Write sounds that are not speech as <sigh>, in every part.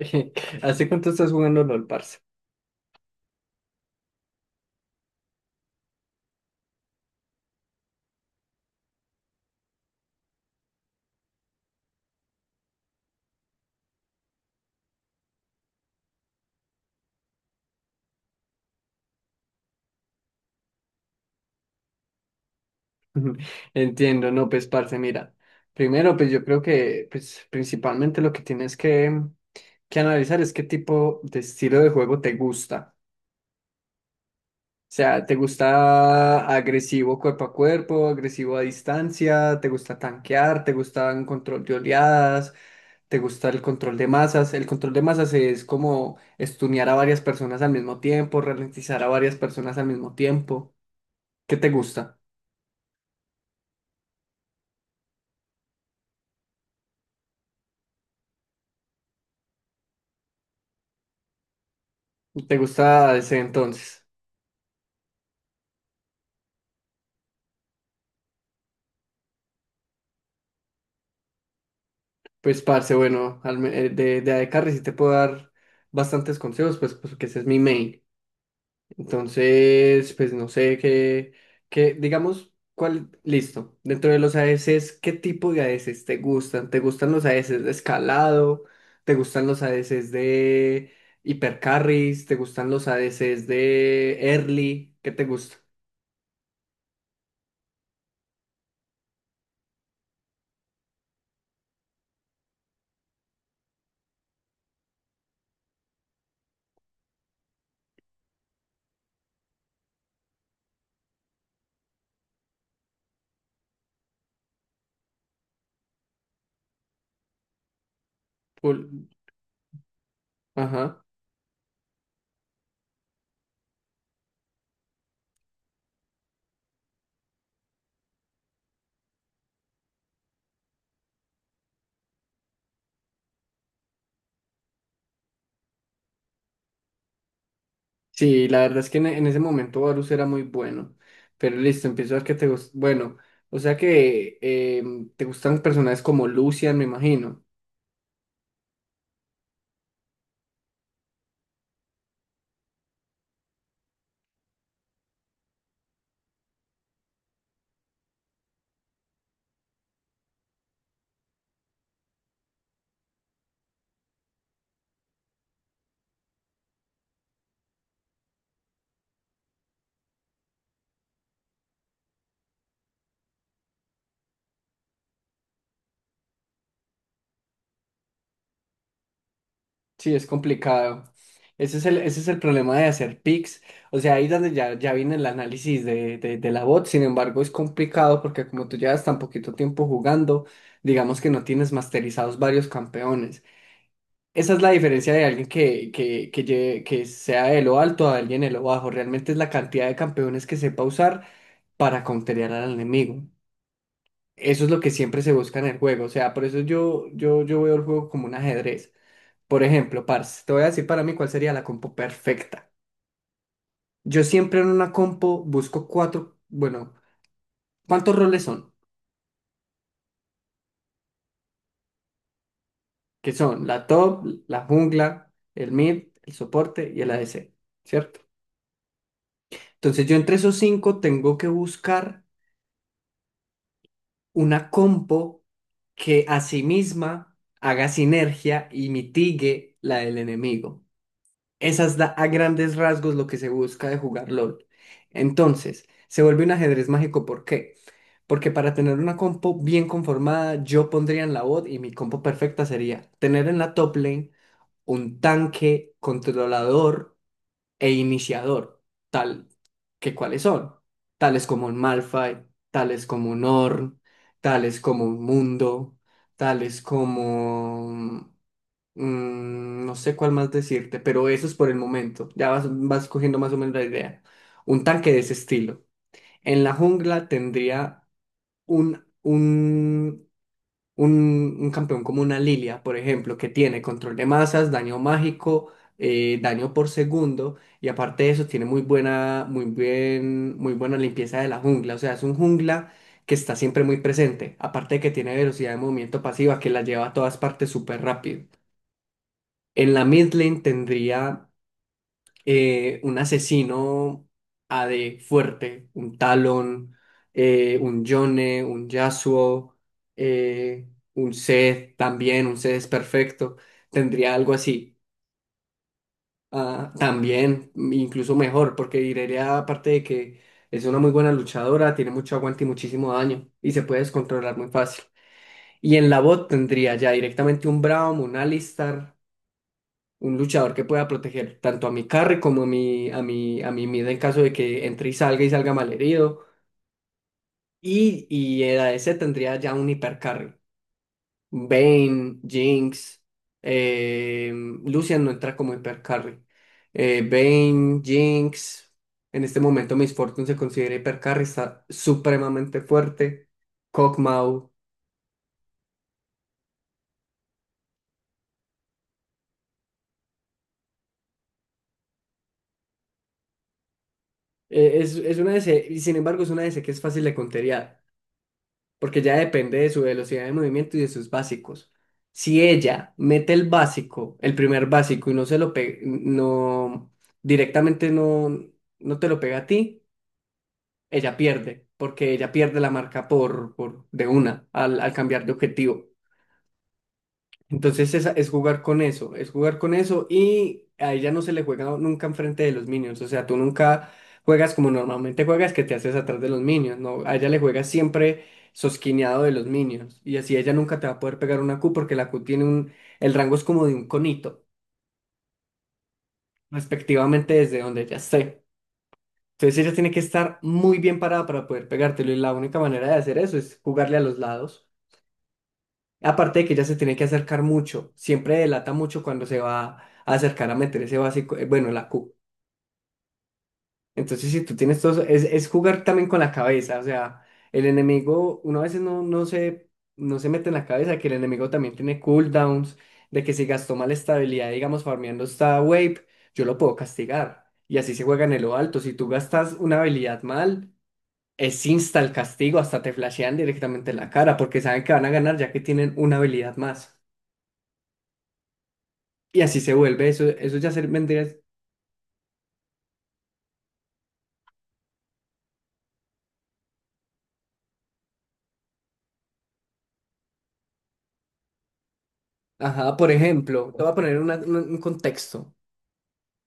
<laughs> ¿Hace cuánto estás jugando LOL, parce? <laughs> Entiendo, no, pues, parce, mira. Primero, pues yo creo que pues, principalmente lo que tienes que analizar es qué tipo de estilo de juego te gusta. O sea, ¿te gusta agresivo cuerpo a cuerpo, agresivo a distancia? ¿Te gusta tanquear? ¿Te gusta un control de oleadas? ¿Te gusta el control de masas? El control de masas es como estunear a varias personas al mismo tiempo, ralentizar a varias personas al mismo tiempo. ¿Qué te gusta? ¿Te gusta ese entonces? Pues, parce, bueno, de ADC sí te puedo dar bastantes consejos, pues, porque ese es mi main. Entonces, pues, no sé qué, digamos, cuál, listo. Dentro de los ADCs, ¿qué tipo de ADCs te gustan? ¿Te gustan los ADCs de escalado? ¿Te gustan los ADCs de hipercarries? ¿Te gustan los ADCs de early? ¿Qué te gusta? Full- Ajá. Sí, la verdad es que en ese momento Varus era muy bueno. Pero listo, empiezo a ver que te gusta. Bueno, o sea que te gustan personajes como Lucian, me imagino. Sí, es complicado. Ese es el problema de hacer picks. O sea, ahí donde ya viene el análisis de la bot. Sin embargo, es complicado porque como tú llevas tan poquito tiempo jugando, digamos que no tienes masterizados varios campeones. Esa es la diferencia de alguien que sea de lo alto a alguien de lo bajo. Realmente es la cantidad de campeones que sepa usar para counterear al enemigo. Eso es lo que siempre se busca en el juego. O sea, por eso yo veo el juego como un ajedrez. Por ejemplo, parce, te voy a decir para mí cuál sería la compo perfecta. Yo siempre en una compo busco cuatro, bueno, ¿cuántos roles son? Que son la top, la jungla, el mid, el soporte y el ADC, ¿cierto? Entonces yo entre esos cinco tengo que buscar una compo que a sí misma haga sinergia y mitigue la del enemigo. Esa es a grandes rasgos lo que se busca de jugar LOL. Entonces, se vuelve un ajedrez mágico, ¿por qué? Porque para tener una compo bien conformada, yo pondría en la bot y mi compo perfecta sería tener en la top lane un tanque controlador e iniciador, tal que cuáles son, tales como un Malphite, tales como un Ornn, tales como un Mundo, tales como, no sé cuál más decirte, pero eso es por el momento, ya vas cogiendo más o menos la idea. Un tanque de ese estilo. En la jungla tendría un, un un campeón como una Lilia, por ejemplo, que tiene control de masas, daño mágico, daño por segundo, y aparte de eso tiene muy buena limpieza de la jungla. O sea, es un jungla que está siempre muy presente. Aparte de que tiene velocidad de movimiento pasiva que la lleva a todas partes súper rápido. En la mid lane tendría un asesino AD fuerte, un Talon, un Yone, un Yasuo, eh, un Zed también, un Zed es perfecto, tendría algo así. Ah, también, incluso mejor, porque Irelia, aparte de que es una muy buena luchadora, tiene mucho aguante y muchísimo daño, y se puede descontrolar muy fácil. Y en la bot tendría ya directamente un Braum, un Alistar, un luchador que pueda proteger tanto a mi carry como a mi mid en caso de que entre y salga malherido. Y el a ese tendría ya un hipercarry. Vayne, Jinx, eh, Lucian no entra como hipercarry. Vayne, Jinx. En este momento Miss Fortune se considera hipercarry, está supremamente fuerte. Kog'Maw. Es una DC, y sin embargo es una DC que es fácil de conterear porque ya depende de su velocidad de movimiento y de sus básicos. Si ella mete el básico, el primer básico, y no se lo pega, no, directamente no te lo pega a ti, ella pierde, porque ella pierde la marca por de una al cambiar de objetivo. Entonces es, jugar con eso, es jugar con eso y a ella no se le juega nunca enfrente de los minions, o sea, tú nunca juegas como normalmente juegas que te haces atrás de los minions, no, a ella le juegas siempre sosquineado de los minions y así ella nunca te va a poder pegar una Q porque la Q tiene el rango es como de un conito, respectivamente desde donde ella esté. Entonces ella tiene que estar muy bien parada para poder pegártelo y la única manera de hacer eso es jugarle a los lados. Aparte de que ella se tiene que acercar mucho, siempre delata mucho cuando se va a acercar a meter ese básico, bueno, la Q. Entonces, si tú tienes todo, es jugar también con la cabeza, o sea, el enemigo, uno a veces no se mete en la cabeza que el enemigo también tiene cooldowns, de que si gastó mal estabilidad, digamos, farmeando esta wave, yo lo puedo castigar. Y así se juega en lo alto. Si tú gastas una habilidad mal, es insta el castigo, hasta te flashean directamente en la cara, porque saben que van a ganar ya que tienen una habilidad más. Y así se vuelve, eso ya se vendría. Ajá, por ejemplo, te voy a poner un contexto.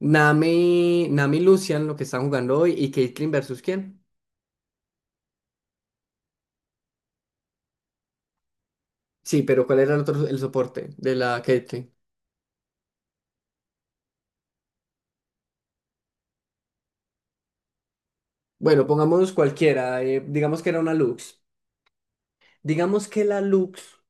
Nami, Nami y Lucian, lo que están jugando hoy, y Caitlyn versus quién. Sí, pero ¿cuál era el otro, el soporte de la Caitlyn? Bueno, pongamos cualquiera, digamos que era una Lux. Digamos que la Lux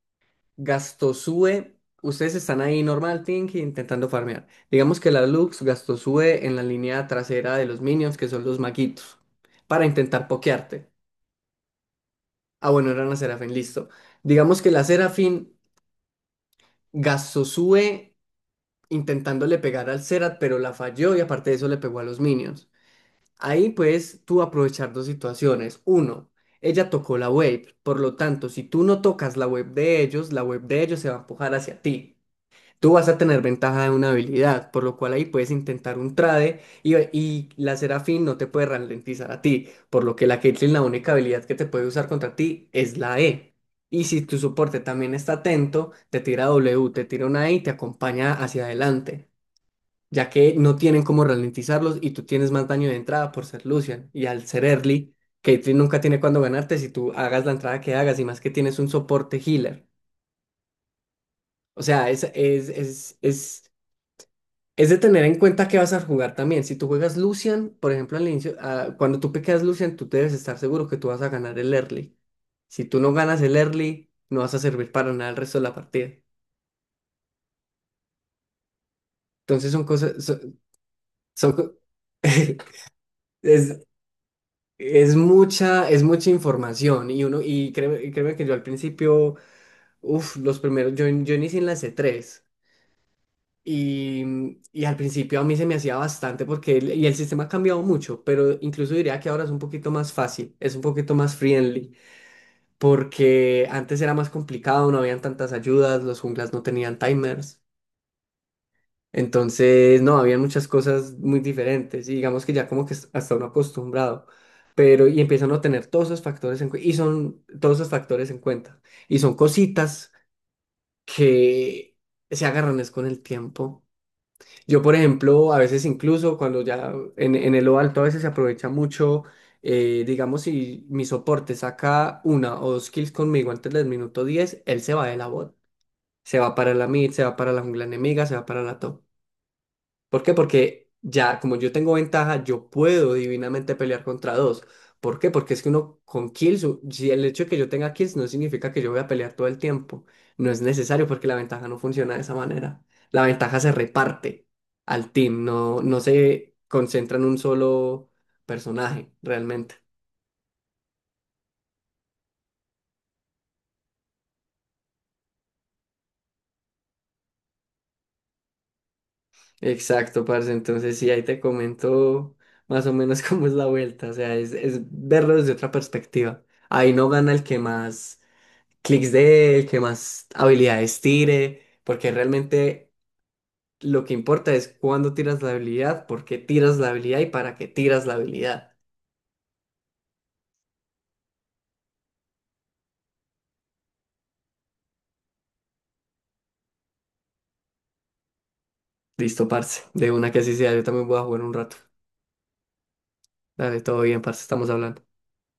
gastó su E, ustedes están ahí normal thinking intentando farmear. Digamos que la Lux gastó su E en la línea trasera de los minions, que son los maguitos, para intentar pokearte. Ah, bueno, era una Serafín, listo. Digamos que la Serafín gastó su E intentándole pegar al cerat, pero la falló y aparte de eso le pegó a los Minions. Ahí puedes tú aprovechar dos situaciones. Uno, ella tocó la wave, por lo tanto, si tú no tocas la wave de ellos, la wave de ellos se va a empujar hacia ti. Tú vas a tener ventaja de una habilidad, por lo cual ahí puedes intentar un trade y la Serafín no te puede ralentizar a ti, por lo que la Caitlyn la única habilidad que te puede usar contra ti es la E. Y si tu soporte también está atento, te tira W, te tira una E y te acompaña hacia adelante, ya que no tienen cómo ralentizarlos y tú tienes más daño de entrada por ser Lucian. Y al ser early, Caitlyn nunca tiene cuándo ganarte si tú hagas la entrada que hagas y más que tienes un soporte healer. O sea, es de tener en cuenta que vas a jugar también. Si tú juegas Lucian, por ejemplo, al inicio, cuando tú piqueas Lucian, tú debes estar seguro que tú vas a ganar el early. Si tú no ganas el early, no vas a servir para nada el resto de la partida. Entonces son cosas, son co- <laughs> es, es mucha información y uno, y créeme que yo al principio, uff, los primeros, yo inicié en la C3. Y, y al principio a mí se me hacía bastante porque y el sistema ha cambiado mucho, pero incluso diría que ahora es un poquito más fácil, es un poquito más friendly, porque antes era más complicado, no habían tantas ayudas, los junglas no tenían timers, entonces no, habían muchas cosas muy diferentes y digamos que ya como que hasta uno acostumbrado, pero y empiezan a tener todos esos factores y son todos esos factores en cuenta y son cositas que se agarran es con el tiempo. Yo, por ejemplo, a veces incluso cuando ya en el lo alto a veces se aprovecha mucho, digamos, si mi soporte saca una o dos kills conmigo antes del minuto 10 él se va de la bot. Se va para la mid, se va para la jungla enemiga, se va para la top. ¿Por qué? Porque ya, como yo tengo ventaja, yo puedo divinamente pelear contra dos. ¿Por qué? Porque es que uno con kills, si el hecho de que yo tenga kills no significa que yo voy a pelear todo el tiempo. No es necesario porque la ventaja no funciona de esa manera. La ventaja se reparte al team, no se concentra en un solo personaje, realmente. Exacto, parce. Entonces, sí, ahí te comento más o menos <laughs> cómo es la vuelta. O sea, es verlo desde otra perspectiva. Ahí no gana el que más clics de él, qué más habilidades tire, porque realmente lo que importa es cuándo tiras la habilidad, por qué tiras la habilidad y para qué tiras la habilidad. Listo, parce, de una que así sea, yo también voy a jugar un rato. Dale, todo bien, parce, estamos hablando.